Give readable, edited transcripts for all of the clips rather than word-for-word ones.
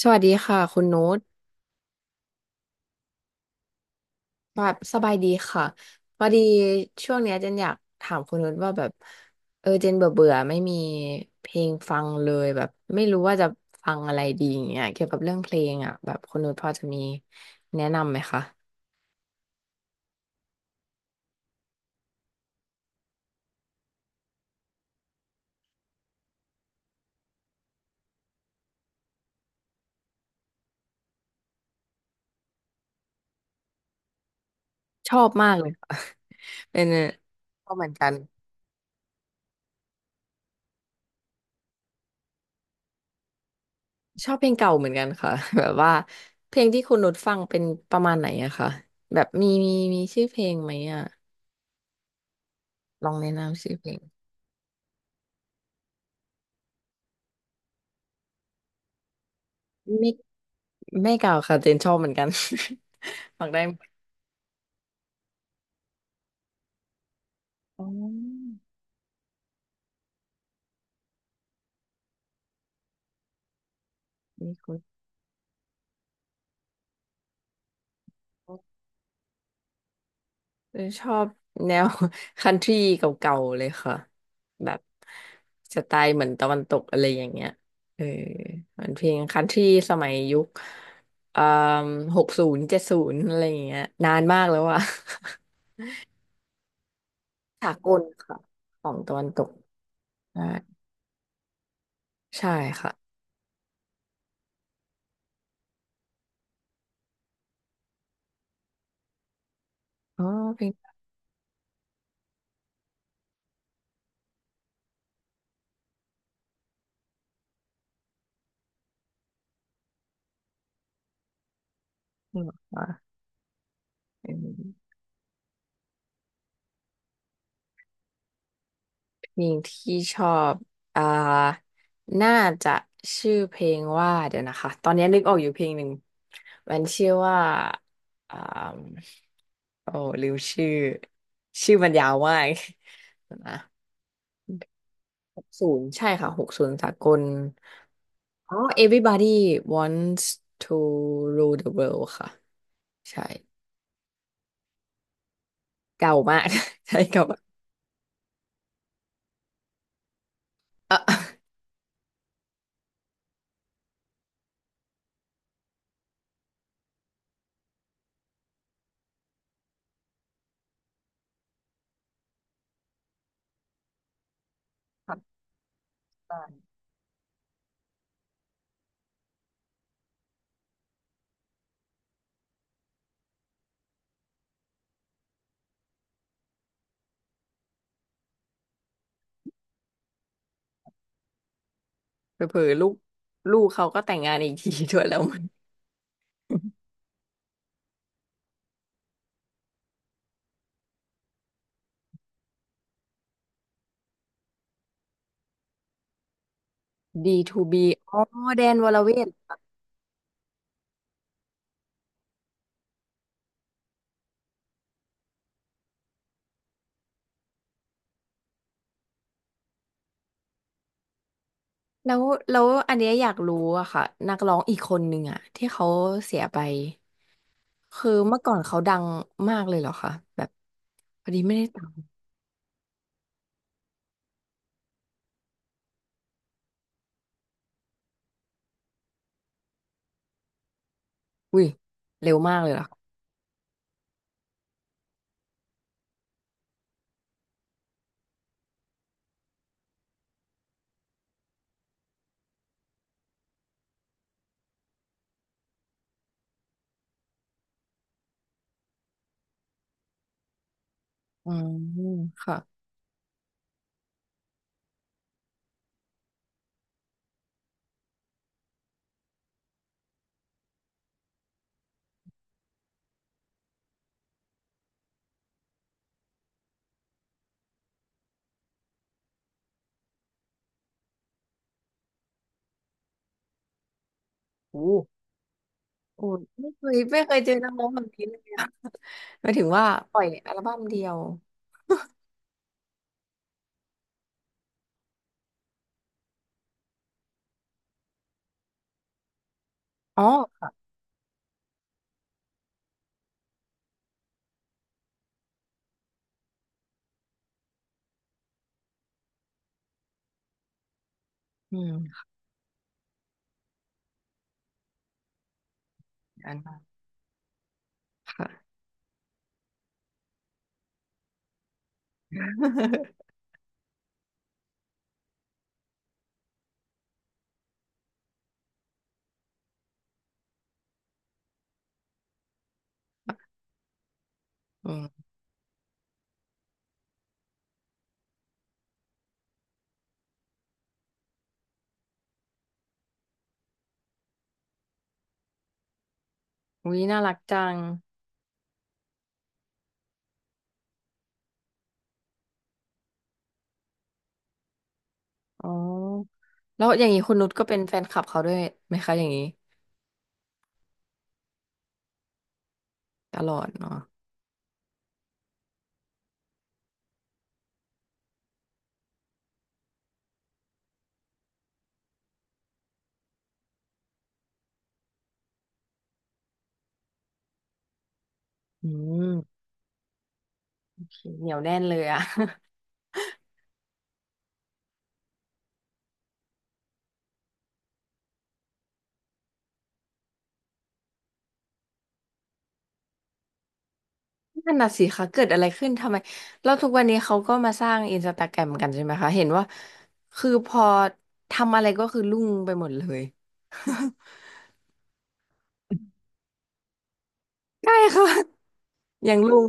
สวัสดีค่ะคุณโน้ตแบบสบายดีค่ะพอดี ช่วงเนี้ยเจนอยากถามคุณโน้ตว่าแบบเจนเบื่อเบื่อไม่มีเพลงฟังเลยแบบไม่รู้ว่าจะฟังอะไรดีอย่างเงี้ยเกี่ยวกับเรื่องเพลงอ่ะแบบคุณโน้ตพอจะมีแนะนำไหมคะชอบมากเลยค่ะ เป็นชอบเหมือนกันชอบเพลงเก่าเหมือนกันค่ะ แบบว่าเพลงที่คุณโน้ตฟังเป็นประมาณไหนอะคะแบบมีชื่อเพลงไหมอะลองแนะนำชื่อเพลงไม่ ไม่เก่าค่ะเจนชอบเหมือนกัน ฟังได้หมดอ๋อนี่คุณเจนชอบแนว คันทรีเก่าๆเลยค่ะแบบสไตล์เหมือนตะวันตกอะไรอย่างเงี้ยเออมันเพลงคันทรีสมัยยุคเอ่7หกศูนย์เจ็ดศูนย์อะไรอย่างเงี้ยนานมากแล้วอะ สากลค่ะของตะวันตกใช่ใช่ค่ะอ๋อเพลง นี้เหรอคะ เพลงที่ชอบอ่าน่าจะชื่อเพลงว่าเดี๋ยวนะคะ ตอนนี้นึกออกอยู่เพลงหนึ่งมันชื่อว่าอ่าโอ้ลืมชื่อ ชื่อมันยาวมาก นะหกศูนย์ใช่ค่ะหกศูนย์สากลอ๋อ Everybody wants to rule the world ค่ะ ใช่ เก่ามาก ใช่เก่ามากเออเผลอๆลูกเขาก็แต่งงานอีกที ด้วยแล้วมัน D2B อ๋อแดนวรเวทแล้วแล้วอันเนี้ยอยากรู้อะค่ะนักร้องอีกคนหนึ่งอะที่เขาเสียไป คือเมื่อก่อนเขาดังมากเลยเหรอคะแบบพอดีไม่ได้ตามอุ้ย เร็วมากเลยเหรอคะอืมค่ะโอ้โอ้ไม่เคยเจอนักร้องแบบนี้เลยอะหมายถึงว่า ปล่อยอัลบั้มเดียว อ๋ออืมอันนั้นค่ะ อืมอุ้ย น่ารักจัง อ๋อแล้วอย่างนี้คุณนุชก็เป็นแฟนคลับเขาด้วยไหมคะอย่างนี้ตลอดเนาะอืมโอเคเหนียวแน่นเลยอะ นั่นน่ะสิคะเกิดอะไรขึ้นทำไมแล้วทุกวันนี้เขาก็มาสร้างอินสตาแกรมกันใช่ไหมคะเห็นว่าคือพอทำอะไรก็คือรุ่งไปหมดเลย ใช่ค่ะยังรุ่ง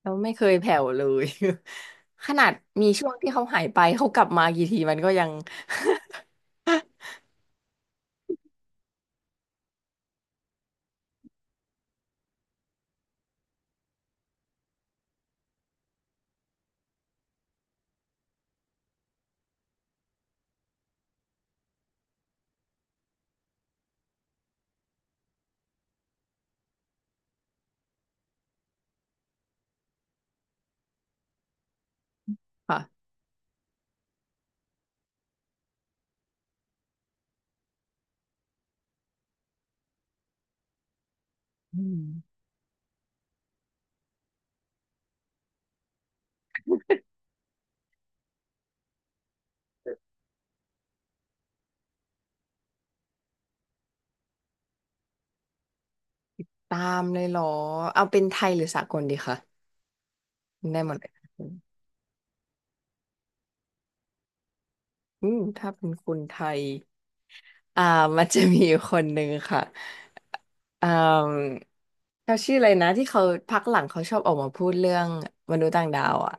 แล้วไม่เคยแผ่วเลย ขนาดมีช่วงที่เขาหายไปเขากลับมากี่ทีมันก็ยัง ค่ะอืม ตามเลยเหรอเอาเป็นไทยหรือสากลดีคะได้หมดเลยอืมถ้าเป็นคุณไทยอ่ามันจะมีอยู่คนหนึ่งค่ะอ่าเขาชื่ออะไรนะที่เขาพักหลังเขาชอบออกมาพูดเรื่องมนุษย์ต่างดาวอ่ะ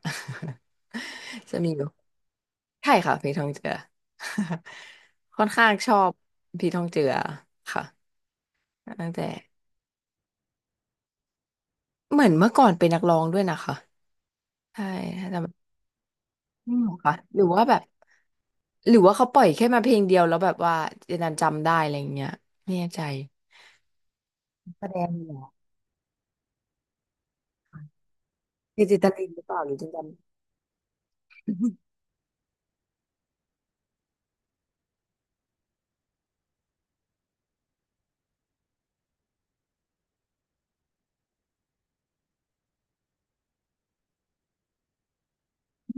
จะมีอยู่ใช่ค่ะผีทองเจือ ค่อนข้างชอบผีทองเจือค่ะตั้งแต่เหมือนเมื่อก่อนเป็นนักร้องด้วยนะคะใช่ถ้าจำอืมเหรอค่ะหรือว่าแบบ หรือว่าเขาปล่อยแค่มาเพลงเดียวแล้วแบบว่าเจนนันจำได้อะไรอย่างเงี้ยไม่แน่ใจแสดงเหรอเจเจตลินหรือเปล่าหรือเจนิจัน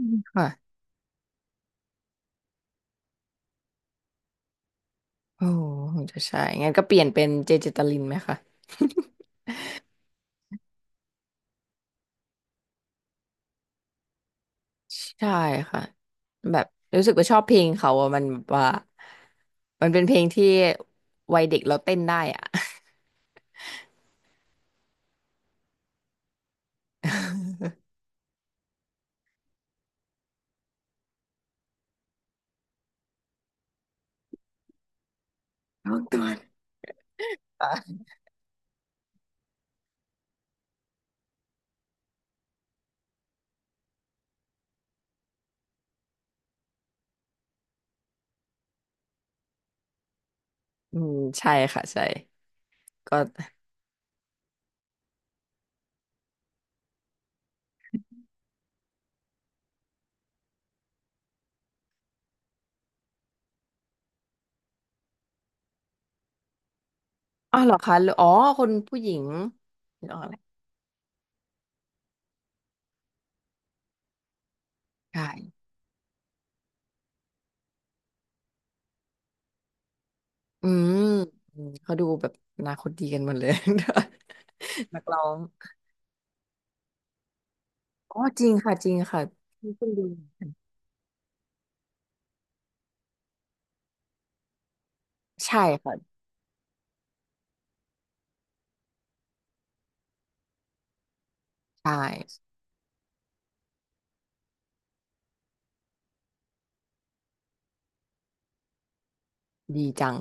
ืค่ะโอ้โหคงจะใช่งั้นก็เปลี่ยนเป็นเจเจตลินไหมคะ ใช่ค่ะแบบรู้สึกว่าชอบเพลงเขาอะมันแบบว่ามันเป็นเพลงที่วัยเด็กเราเต้นได้อ่ะ น้องตัว นอืมใช่ค่ะใช่ก็อ๋อเหรอคะหรืออ๋อคนผู้หญิงหรือ๋ออะไรใช่ อืมอืมเขาดูแบบอนาคตดีกันหมดเลย นักร้องอ๋อจริงค่ะจริงค่ะพี่เพิ่งดูใช่ค่ะใช่ดีจัง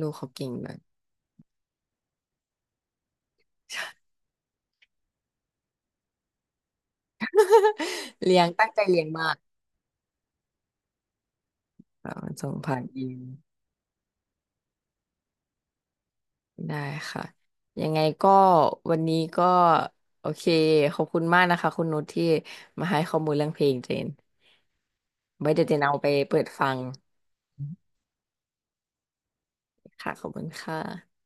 ลูกเขาเก่งเลย เลี้ยงตั้งใจเลี้ยงมากค่ะส่งผ่านอีมได้ค่ะยังไงก็วันนี้ก็โอเคขอบคุณมากนะคะคุณนุชที่มาให้ข้อมูลเรื่องเพลงเจนไว้เดี๋ยวเจนเอาไปเปิดฟังค่ะขอบคุณค่ะ